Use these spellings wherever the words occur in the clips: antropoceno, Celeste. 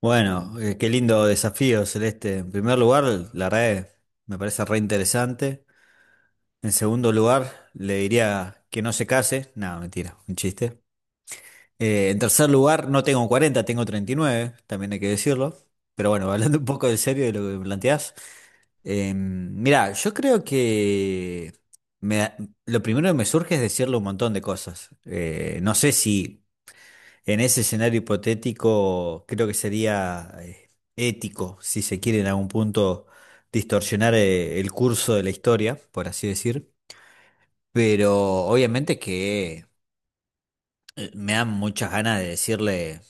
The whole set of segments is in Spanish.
Bueno, qué lindo desafío, Celeste. En primer lugar, la red me parece re interesante. En segundo lugar, le diría que no se case. No, mentira, un chiste. En tercer lugar, no tengo 40, tengo 39, también hay que decirlo. Pero bueno, hablando un poco de serio de lo que me planteás. Mirá, yo creo que me- lo primero que me surge es decirle un montón de cosas. No sé si en ese escenario hipotético, creo que sería ético, si se quiere en algún punto, distorsionar el curso de la historia, por así decir. Pero obviamente que me dan muchas ganas de decirle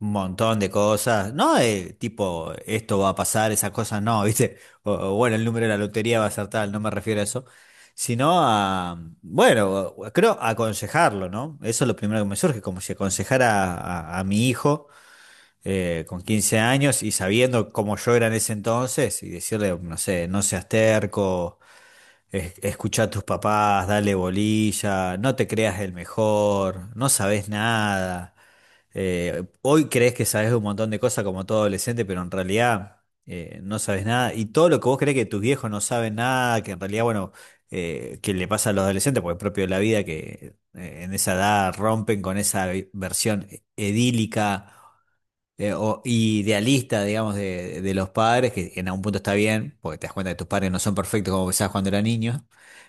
un montón de cosas. No, tipo, esto va a pasar, esas cosas no, ¿viste? Bueno, el número de la lotería va a ser tal, no me refiero a eso. Sino a, bueno, creo aconsejarlo, ¿no? Eso es lo primero que me surge, como si aconsejara a mi hijo con 15 años y sabiendo cómo yo era en ese entonces y decirle, no sé, no seas terco, escucha a tus papás, dale bolilla, no te creas el mejor, no sabes nada. Hoy crees que sabes un montón de cosas como todo adolescente, pero en realidad no sabes nada. Y todo lo que vos crees que tus viejos no saben nada, que en realidad, bueno, que le pasa a los adolescentes, porque es propio de la vida que en esa edad rompen con esa versión edílica o idealista, digamos, de, los padres, que en algún punto está bien, porque te das cuenta que tus padres no son perfectos como pensabas cuando eras niño.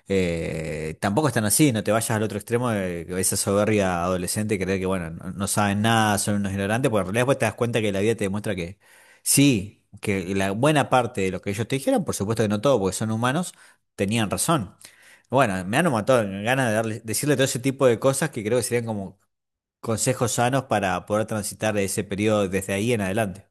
Tampoco están así, no te vayas al otro extremo de esa soberbia adolescente, creer que, bueno, no, no saben nada, son unos ignorantes, porque en realidad después te das cuenta que la vida te demuestra que sí, que la buena parte de lo que ellos te dijeron, por supuesto que no todo, porque son humanos, tenían razón. Bueno, me han matado ganas de decirle todo ese tipo de cosas que creo que serían como consejos sanos para poder transitar ese periodo desde ahí en adelante.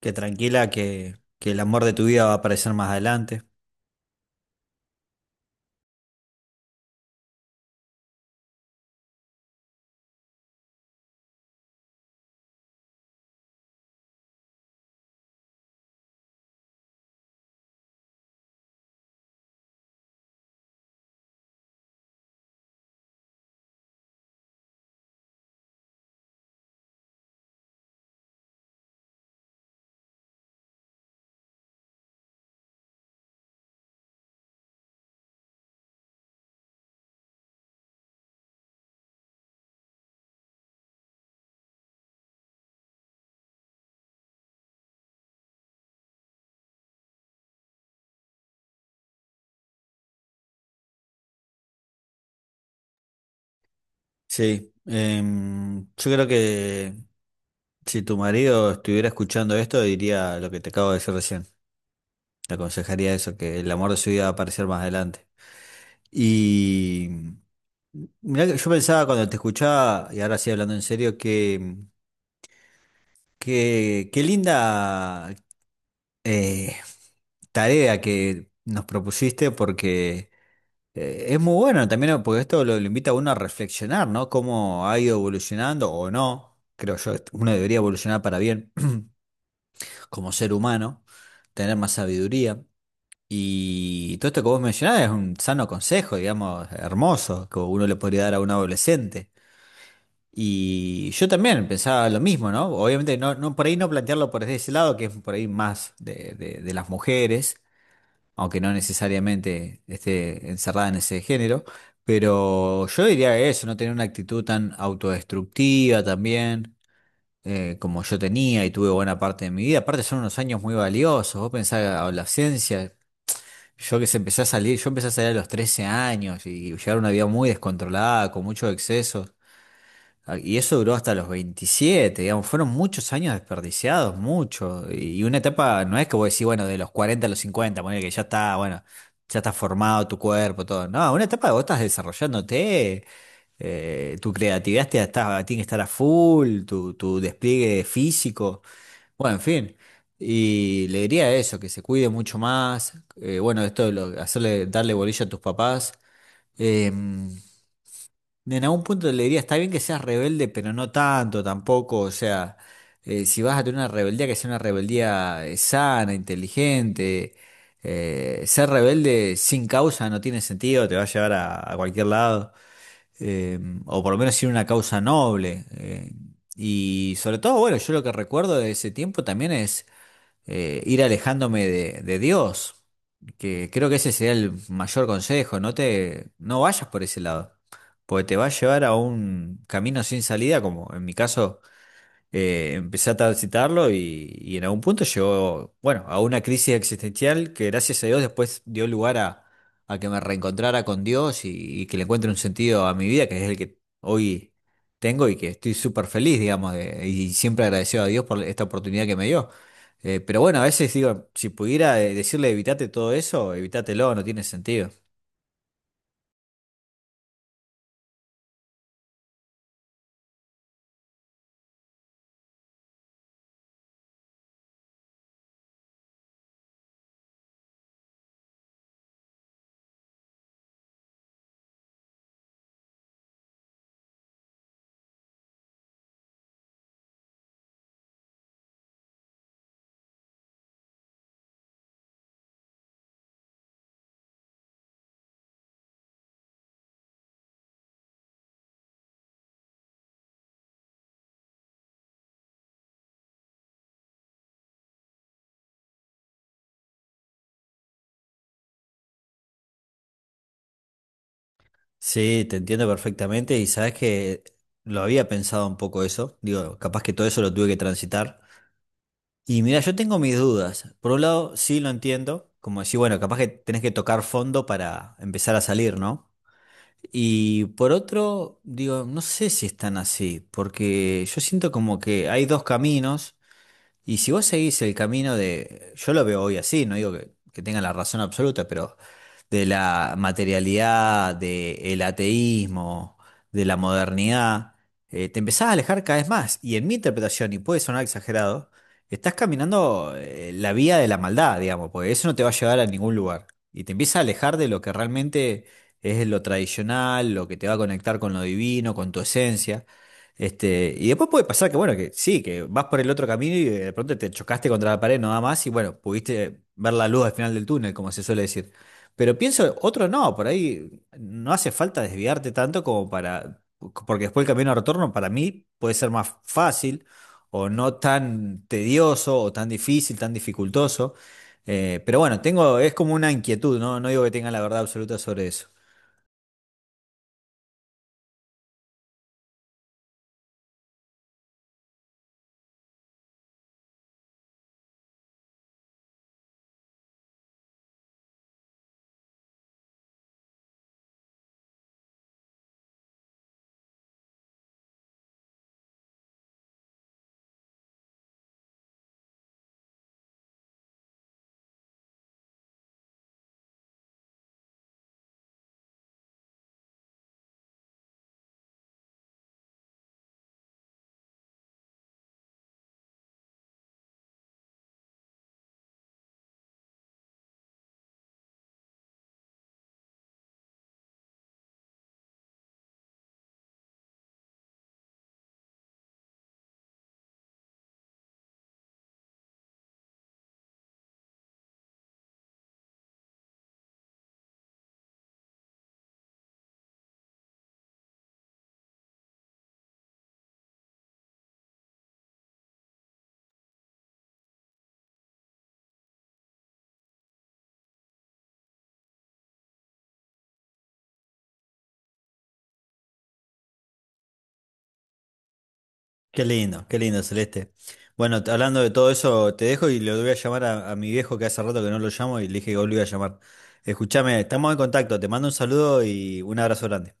Que tranquila, que el amor de tu vida va a aparecer más adelante. Sí, yo creo que si tu marido estuviera escuchando esto, diría lo que te acabo de decir recién. Te aconsejaría eso, que el amor de su vida va a aparecer más adelante. Y mirá que yo pensaba cuando te escuchaba, y ahora sí hablando en serio, qué linda, eh, tarea que nos propusiste porque es muy bueno también, ¿no? Porque esto lo invita a uno a reflexionar, ¿no? Cómo ha ido evolucionando o no. Creo yo, uno debería evolucionar para bien como ser humano, tener más sabiduría. Y todo esto que vos mencionás es un sano consejo, digamos, hermoso, que uno le podría dar a un adolescente. Y yo también pensaba lo mismo, ¿no? Obviamente no, no por ahí no plantearlo por ese lado, que es por ahí más de las mujeres aunque no necesariamente esté encerrada en ese género, pero yo diría que eso, no tener una actitud tan autodestructiva también, como yo tenía y tuve buena parte de mi vida. Aparte son unos años muy valiosos, vos pensás la adolescencia, yo que se empecé a salir, yo empecé a salir a los 13 años y llevar una vida muy descontrolada, con muchos excesos. Ah, y eso duró hasta los 27 digamos, fueron muchos años desperdiciados, mucho. Y una etapa, no es que vos decís, bueno, de los 40 a los 50 ponele que ya está, bueno, ya está formado tu cuerpo, todo. No, una etapa que vos estás desarrollándote, tu creatividad tiene que estar a full, tu despliegue físico, bueno, en fin. Y le diría eso, que se cuide mucho más. Bueno, esto de hacerle, darle bolilla a tus papás. em, en algún punto le diría, está bien que seas rebelde, pero no tanto tampoco. O sea, si vas a tener una rebeldía, que sea una rebeldía sana, inteligente. Ser rebelde sin causa no tiene sentido, te va a llevar a cualquier lado. Eh, o por lo menos sin una causa noble. Y sobre todo, bueno, yo lo que recuerdo de ese tiempo también es ir alejándome de Dios, que creo que ese sería el mayor consejo, no te, no vayas por ese lado, porque te va a llevar a un camino sin salida, como en mi caso empecé a transitarlo y en algún punto llegó, bueno, a una crisis existencial que gracias a Dios después dio lugar a que me reencontrara con Dios y que le encuentre un sentido a mi vida, que es el que hoy tengo y que estoy súper feliz, digamos, y siempre agradecido a Dios por esta oportunidad que me dio. Pero bueno, a veces digo, si pudiera decirle evitate todo eso, evitatelo, no tiene sentido. Sí, te entiendo perfectamente y sabes que lo había pensado un poco eso, digo, capaz que todo eso lo tuve que transitar. Y mira, yo tengo mis dudas. Por un lado, sí lo entiendo, como decir, bueno, capaz que tenés que tocar fondo para empezar a salir, ¿no? Y por otro, digo, no sé si están así, porque yo siento como que hay dos caminos, y si vos seguís el camino de, yo lo veo hoy así, no digo que tenga la razón absoluta, pero de la materialidad, del ateísmo, de la modernidad, te empezás a alejar cada vez más. Y en mi interpretación, y puede sonar exagerado, estás caminando la vía de la maldad, digamos, porque eso no te va a llevar a ningún lugar. Y te empieza a alejar de lo que realmente es lo tradicional, lo que te va a conectar con lo divino, con tu esencia. Este, y después puede pasar que, bueno, que sí, que vas por el otro camino y de pronto te chocaste contra la pared, no da más, y bueno, pudiste ver la luz al final del túnel, como se suele decir. Pero pienso, otro no, por ahí no hace falta desviarte tanto como para, porque después el camino de retorno para mí puede ser más fácil o no tan tedioso o tan difícil, tan dificultoso. Pero bueno, tengo, es como una inquietud, ¿no? No digo que tenga la verdad absoluta sobre eso. Qué lindo, Celeste. Bueno, hablando de todo eso, te dejo y le voy a llamar a mi viejo que hace rato que no lo llamo y le dije que hoy lo iba a llamar. Escúchame, estamos en contacto, te mando un saludo y un abrazo grande.